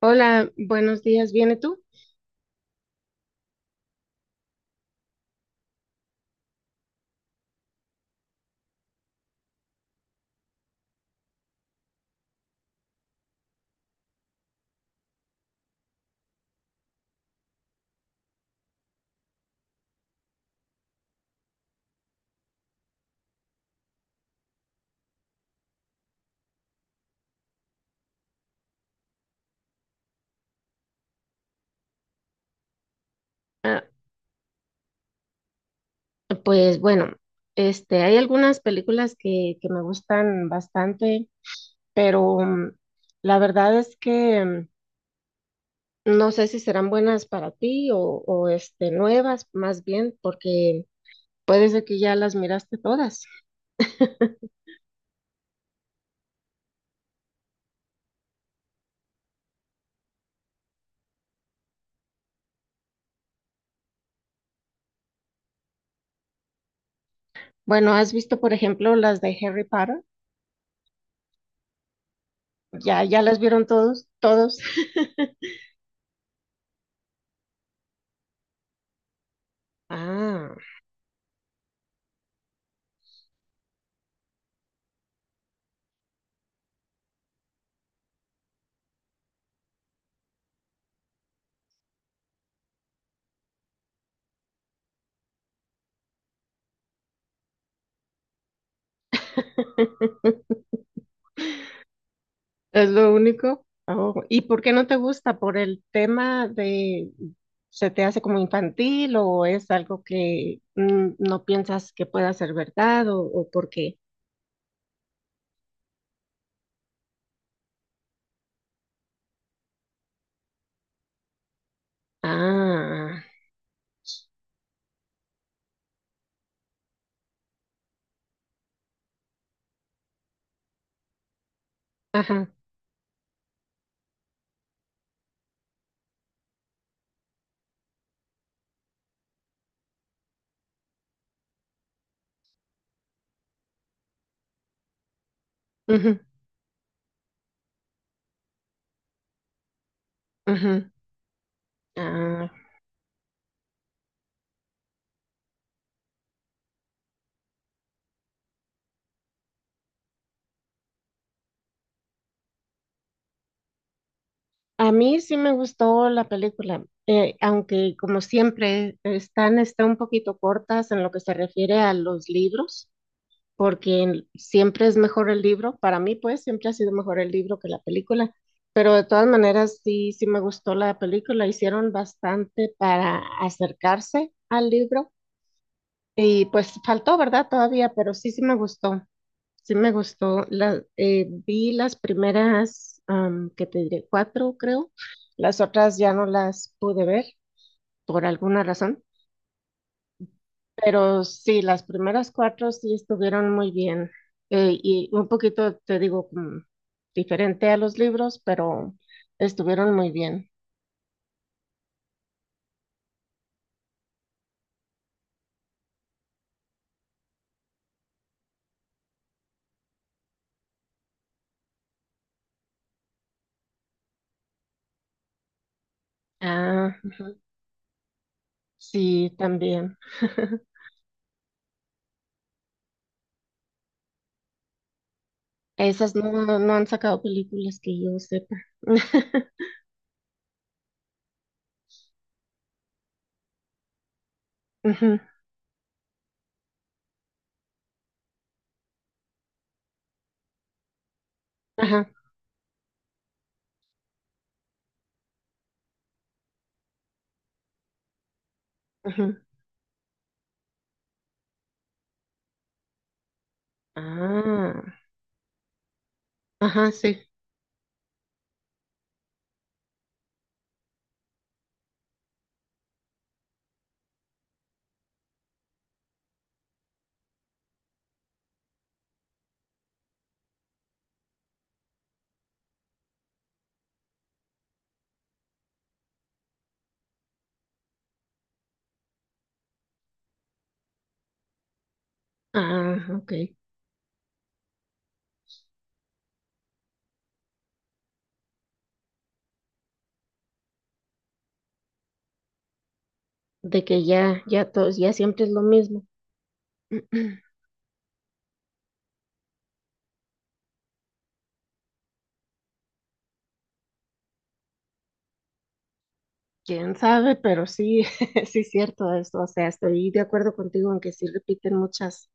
Hola, buenos días, ¿viene tú? Ah, pues bueno, hay algunas películas que me gustan bastante, pero la verdad es que no sé si serán buenas para ti o este, nuevas, más bien, porque puede ser que ya las miraste todas. Bueno, ¿has visto, por ejemplo, las de Harry Potter? ¿Ya las vieron todos? ¿Todos? Ah. Es lo único. Oh, ¿y por qué no te gusta? ¿Por el tema de se te hace como infantil o es algo que no piensas que pueda ser verdad o por qué? Ah, ajá. Ujú, ujú, ah. A mí sí me gustó la película, aunque como siempre está un poquito cortas en lo que se refiere a los libros, porque siempre es mejor el libro, para mí pues siempre ha sido mejor el libro que la película, pero de todas maneras sí, sí me gustó la película, hicieron bastante para acercarse al libro y pues faltó, ¿verdad? Todavía, pero sí, sí me gustó, sí me gustó. La, vi las primeras, am, que te diré, cuatro creo, las otras ya no las pude ver por alguna razón. Pero sí, las primeras cuatro sí estuvieron muy bien, y un poquito, te digo, como diferente a los libros, pero estuvieron muy bien. Ah, ujú, sí, también. Esas no, no no han sacado películas que yo sepa. Ujú, ajá, ujú. Ah, ajá, sí. Ah, ok. De que ya, ya todos, ya siempre es lo mismo. Quién sabe, pero sí, sí es cierto eso. O sea, estoy de acuerdo contigo en que sí repiten muchas.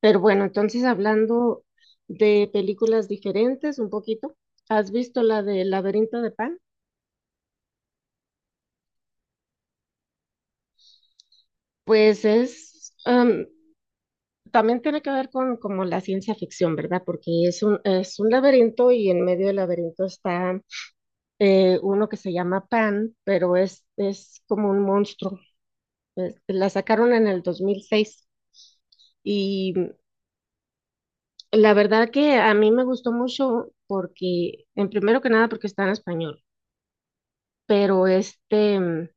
Pero bueno, entonces hablando de películas diferentes un poquito, ¿has visto la de Laberinto de Pan? Pues es, em, también tiene que ver con como la ciencia ficción, ¿verdad? Porque es un laberinto y en medio del laberinto está uno que se llama Pan, pero es como un monstruo. La sacaron en el 2006 y la verdad que a mí me gustó mucho porque, en primero que nada, porque está en español, pero este, mm,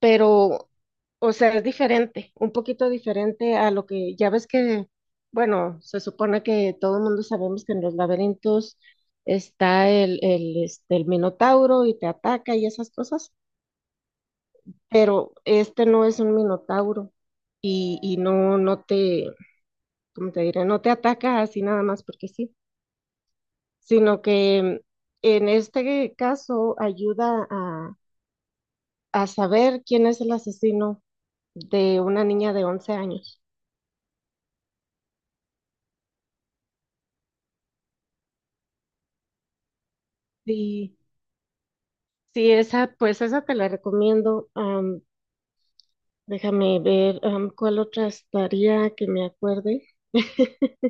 pero, o sea, es diferente, un poquito diferente a lo que ya ves que, bueno, se supone que todo el mundo sabemos que en los laberintos está el minotauro y te ataca y esas cosas, pero este no es un minotauro y no, no te, ¿cómo te diré? No te ataca así nada más porque sí, sino que en este caso ayuda a saber quién es el asesino de una niña de 11 años. Sí, sí, esa, pues esa te la recomiendo. Am, déjame ver, am, cuál otra estaría que me acuerde,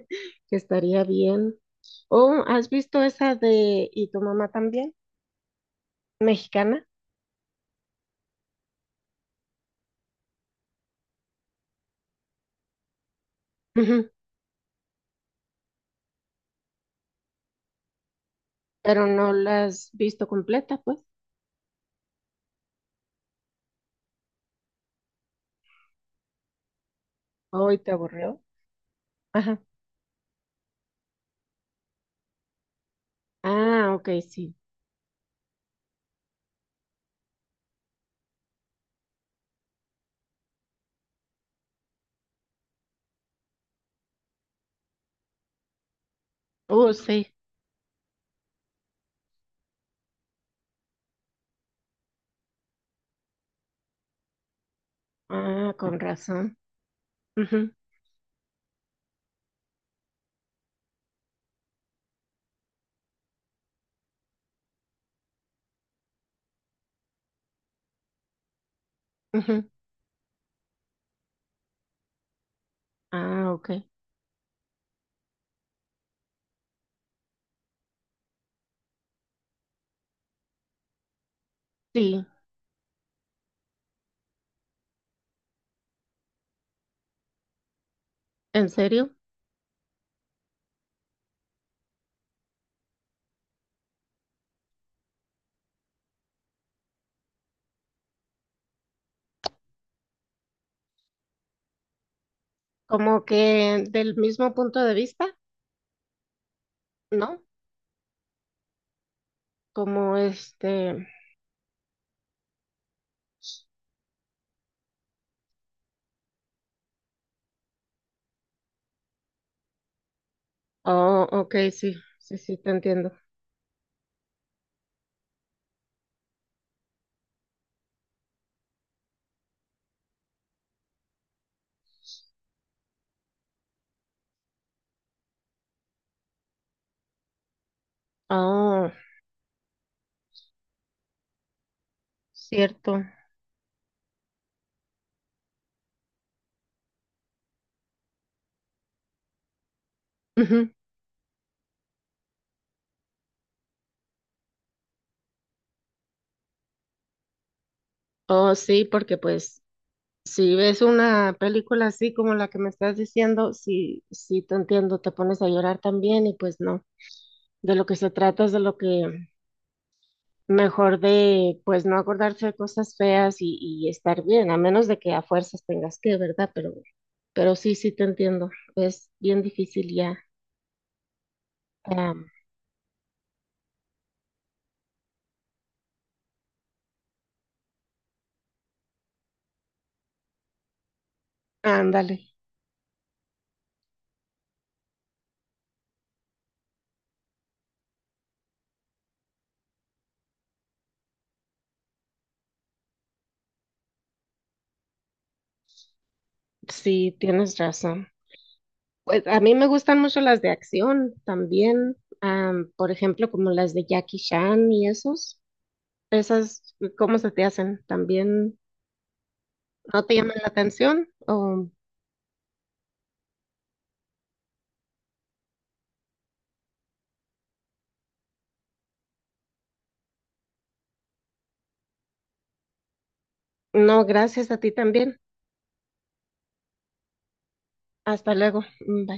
que estaría bien. Oh, ¿has visto esa de Y tu mamá también? Mexicana. Ujú. Pero no la has visto completa, pues. Hoy te aburrió. Ajá. Ah, ok, sí. Oh, sí. Ah, con razón. Ujú, ujú. Ah, ok. Sí, ¿en serio? Como que del mismo punto de vista, ¿no? Como este... Oh, ok, sí, sí, sí, te entiendo. Oh, cierto. Ujú. Oh, sí, porque pues si ves una película así como la que me estás diciendo, sí, sí, te entiendo, te pones a llorar también y pues no. De lo que se trata es de lo que mejor de, pues, no acordarse de cosas feas y estar bien, a menos de que a fuerzas tengas que, ¿verdad? Pero sí, sí te entiendo. Es bien difícil ya. Am, ándale, sí, tienes razón. Pues a mí me gustan mucho las de acción también, am, por ejemplo, como las de Jackie Chan y esos. Esas, ¿cómo se te hacen? ¿También no te llaman la atención? ¿O no, gracias a ti también? Hasta luego. Bye.